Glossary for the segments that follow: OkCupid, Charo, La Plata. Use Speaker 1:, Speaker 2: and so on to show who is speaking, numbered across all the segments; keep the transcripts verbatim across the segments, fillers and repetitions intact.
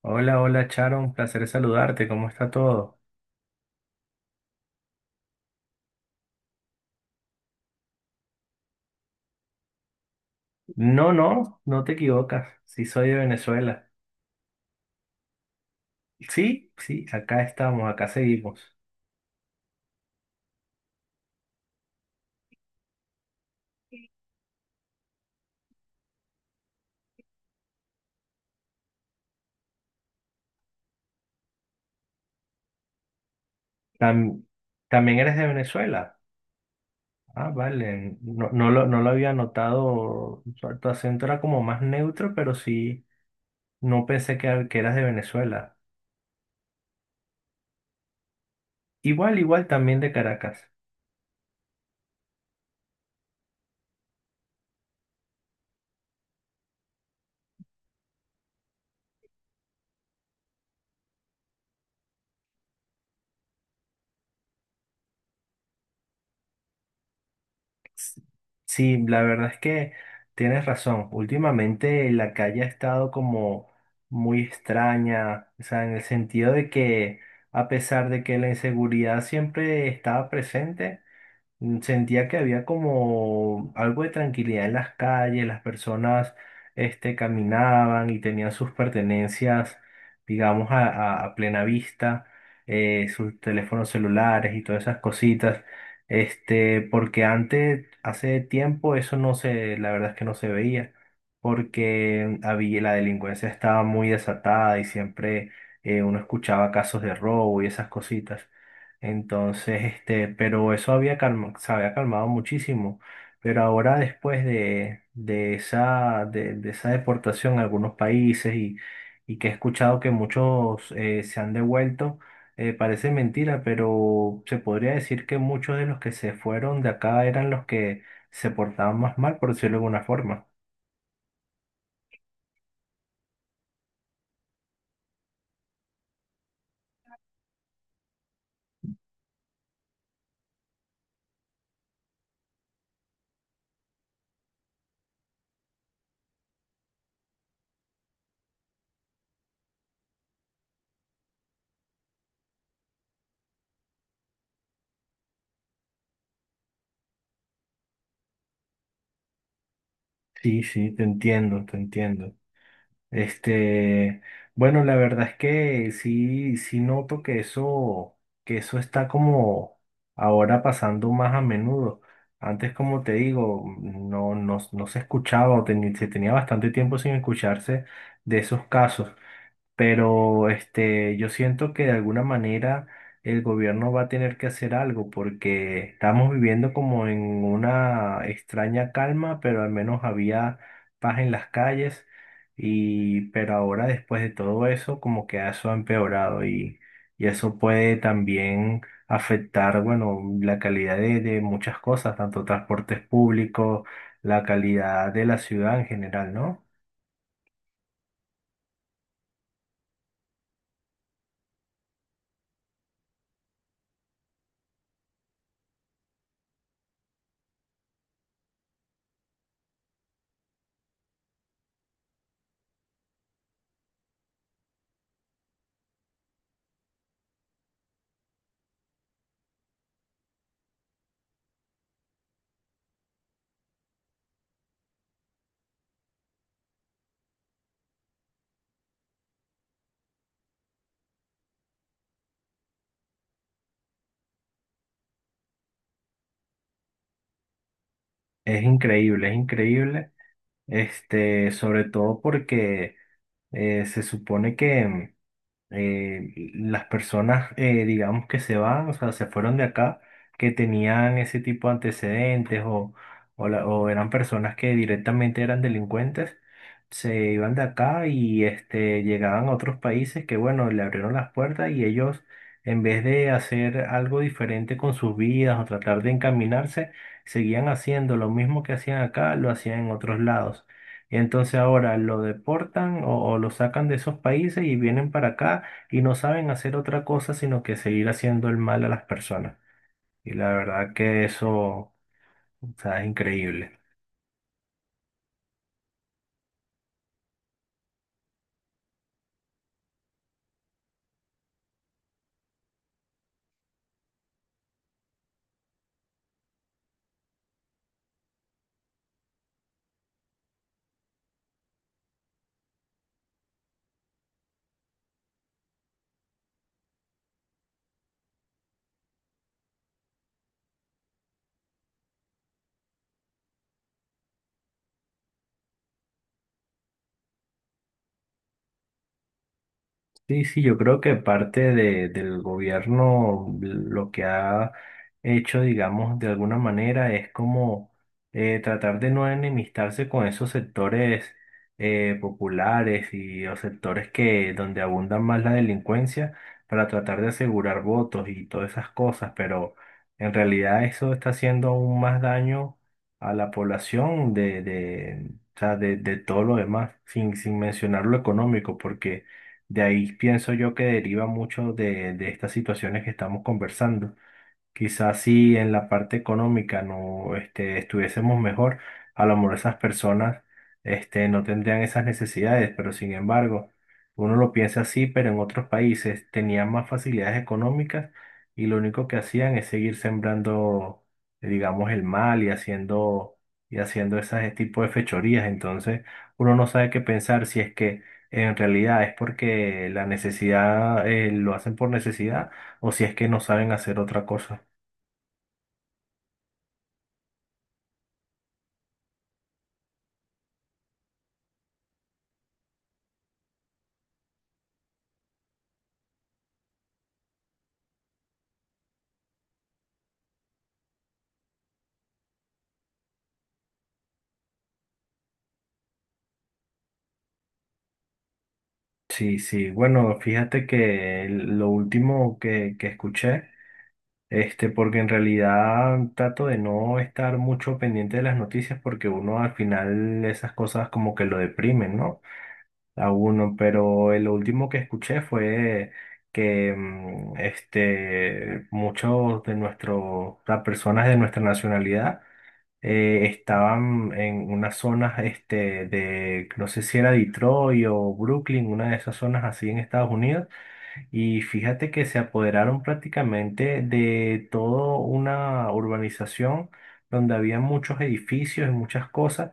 Speaker 1: Hola, hola Charo, un placer saludarte, ¿cómo está todo? No, no, no te equivocas, sí soy de Venezuela. Sí, sí, acá estamos, acá seguimos. Tam- ¿También eres de Venezuela? Ah, vale, no, no lo, no lo había notado, tu, tu acento era como más neutro, pero sí, no pensé que, que eras de Venezuela. Igual, igual también de Caracas. Sí, la verdad es que tienes razón. Últimamente la calle ha estado como muy extraña, o sea, en el sentido de que a pesar de que la inseguridad siempre estaba presente, mm, sentía que había como algo de tranquilidad en las calles, las personas este, caminaban y tenían sus pertenencias, digamos, a, a- a plena vista, eh, sus teléfonos celulares y todas esas cositas, este, porque antes, hace tiempo, eso no se, la verdad es que no se veía, porque había, la delincuencia estaba muy desatada y siempre eh, uno escuchaba casos de robo y esas cositas. Entonces, este, pero eso había calma- se había calmado muchísimo. Pero ahora después de, de esa, de, de esa deportación a algunos países y, y que he escuchado que muchos eh, se han devuelto, eh, parece mentira, pero se podría decir que muchos de los que se fueron de acá eran los que se portaban más mal, por decirlo de alguna forma. Sí, sí, te entiendo, te entiendo. Este, bueno, la verdad es que sí, sí noto que eso, que eso está como ahora pasando más a menudo. Antes, como te digo, no, no, no se escuchaba o teni- se tenía bastante tiempo sin escucharse de esos casos. Pero este, yo siento que de alguna manera el gobierno va a tener que hacer algo porque estamos viviendo como en una extraña calma, pero al menos había paz en las calles y pero ahora después de todo eso como que eso ha empeorado y, y eso puede también afectar, bueno, la calidad de, de muchas cosas, tanto transportes públicos, la calidad de la ciudad en general, ¿no? Es increíble, es increíble. Este, sobre todo porque eh, se supone que, eh, las personas, eh, digamos que se van, o sea, se fueron de acá, que tenían ese tipo de antecedentes o, o, la- o eran personas que directamente eran delincuentes, se iban de acá y este, llegaban a otros países que, bueno, le abrieron las puertas y ellos, en vez de hacer algo diferente con sus vidas o tratar de encaminarse, seguían haciendo lo mismo que hacían acá, lo hacían en otros lados. Y entonces ahora lo deportan o, o lo sacan de esos países y vienen para acá y no saben hacer otra cosa sino que seguir haciendo el mal a las personas. Y la verdad que eso, o sea, es increíble. Sí, sí, yo creo que parte de, del gobierno lo que ha hecho, digamos, de alguna manera es como eh, tratar de no enemistarse con esos sectores eh, populares y o sectores que donde abundan más la delincuencia para tratar de asegurar votos y todas esas cosas, pero en realidad eso está haciendo aún más daño a la población de, de, o sea, de, de todo lo demás, sin, sin mencionar lo económico, porque... De ahí pienso yo que deriva mucho de, de estas situaciones que estamos conversando. Quizás si en la parte económica no este, estuviésemos mejor, a lo mejor esas personas este, no tendrían esas necesidades, pero sin embargo, uno lo piensa así, pero en otros países tenían más facilidades económicas y lo único que hacían es seguir sembrando, digamos, el mal y haciendo, y haciendo ese tipo de fechorías. Entonces, uno no sabe qué pensar si es que en realidad es porque la necesidad, eh, lo hacen por necesidad o si es que no saben hacer otra cosa. Sí, sí, bueno, fíjate que el- lo último que, que escuché, este, porque en realidad trato de no estar mucho pendiente de las noticias porque uno al final esas cosas como que lo deprimen, ¿no? A uno, pero el último que escuché fue que mm, este, muchos de nuestros, las personas de nuestra nacionalidad, eh, estaban en unas zonas este, de, no sé si era Detroit o Brooklyn, una de esas zonas así en Estados Unidos. Y fíjate que se apoderaron prácticamente de toda una urbanización donde había muchos edificios y muchas cosas.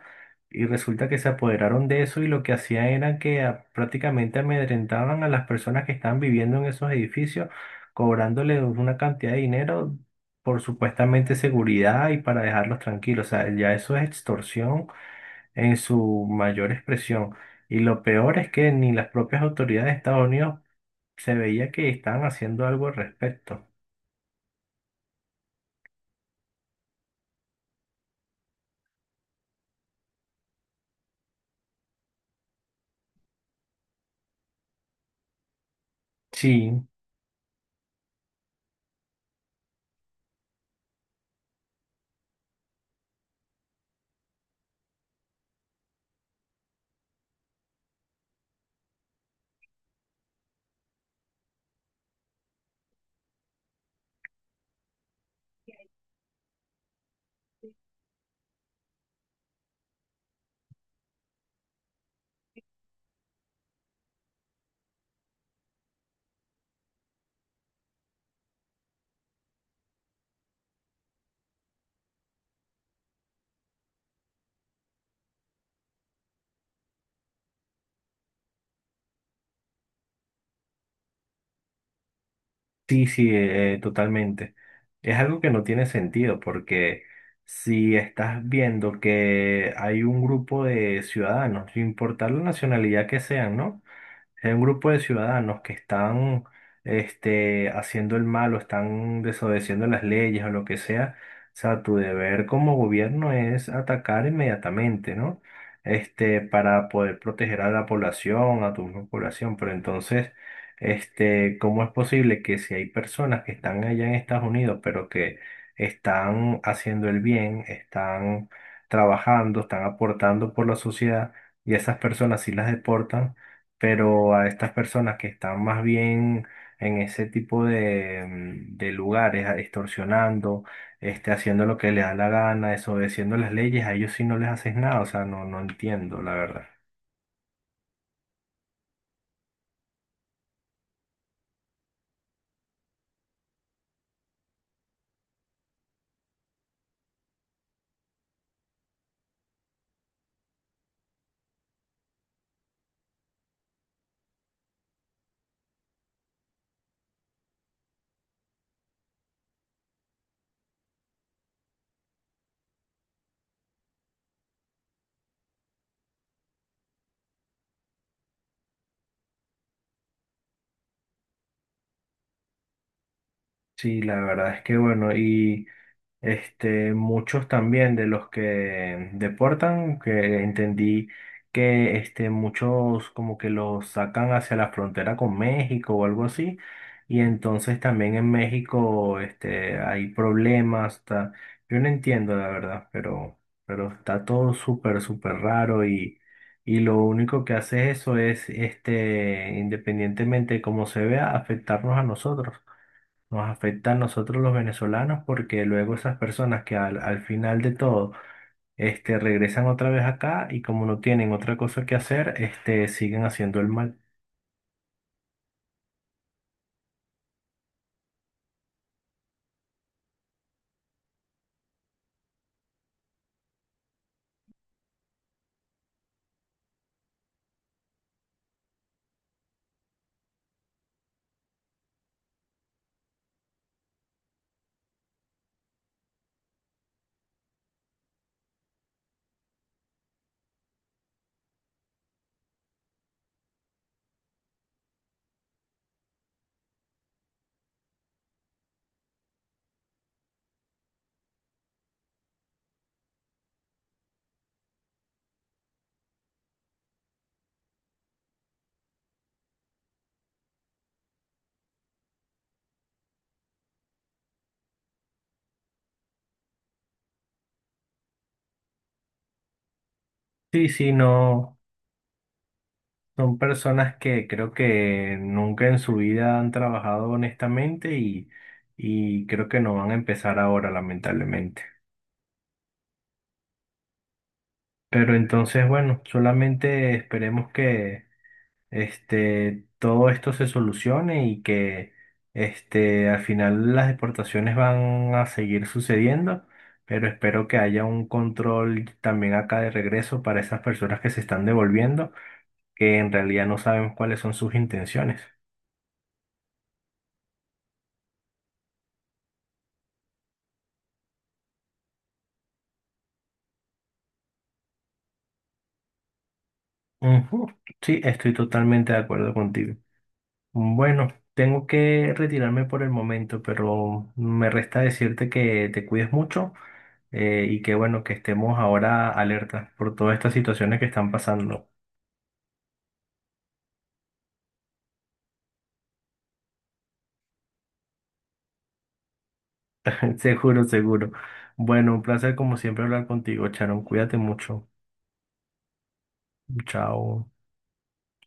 Speaker 1: Y resulta que se apoderaron de eso y lo que hacían era que a- prácticamente amedrentaban a las personas que estaban viviendo en esos edificios, cobrándoles una cantidad de dinero por supuestamente seguridad y para dejarlos tranquilos. O sea, ya eso es extorsión en su mayor expresión. Y lo peor es que ni las propias autoridades de Estados Unidos se veía que estaban haciendo algo al respecto. Sí, sí, sí, eh, totalmente. Es algo que no tiene sentido porque si estás viendo que hay un grupo de ciudadanos, sin importar la nacionalidad que sean, ¿no? Es un grupo de ciudadanos que están este, haciendo el mal o están desobedeciendo las leyes o lo que sea. O sea, tu deber como gobierno es atacar inmediatamente, ¿no? Este, para poder proteger a la población, a tu misma población. Pero entonces, este, ¿cómo es posible que si hay personas que están allá en Estados Unidos, pero que están haciendo el bien, están trabajando, están aportando por la sociedad, y a esas personas sí las deportan? Pero a estas personas que están más bien en ese tipo de, mm, de lugares, a- extorsionando, este, haciendo lo que les da la gana, desobedeciendo las leyes, a ellos sí no les haces nada, o sea, no, no entiendo, la verdad. Sí, la verdad es que bueno, este, muchos también de los que deportan, que entendí que este, muchos como que los sacan hacia la frontera con México o algo así. Y entonces también en México este, hay problemas. ta- Yo no entiendo la verdad, pero, pero está todo súper, súper raro y, y lo único que hace eso es, este, independientemente de cómo se vea, afectarnos a nosotros nos afecta a nosotros los venezolanos porque luego esas personas que al, al final de todo este, regresan otra vez acá y como no tienen otra cosa que hacer, este, siguen haciendo el mal. Sí, sí, no. Son personas que creo que nunca en su vida han trabajado honestamente y, y creo que no van a empezar ahora, lamentablemente. Pero entonces, bueno, solamente esperemos que este, todo esto se solucione y que este, al final las deportaciones van a seguir sucediendo, pero espero que haya un control también acá de regreso para esas personas que se están devolviendo, que en realidad no sabemos cuáles son sus intenciones. Ujú. Sí, estoy totalmente de acuerdo contigo. Bueno, tengo que retirarme por el momento, pero me resta decirte que te cuides mucho eh, y que bueno, que estemos ahora alerta por todas estas situaciones que están pasando. Seguro, seguro. Bueno, un placer como siempre hablar contigo, Charon. Cuídate mucho. Chao.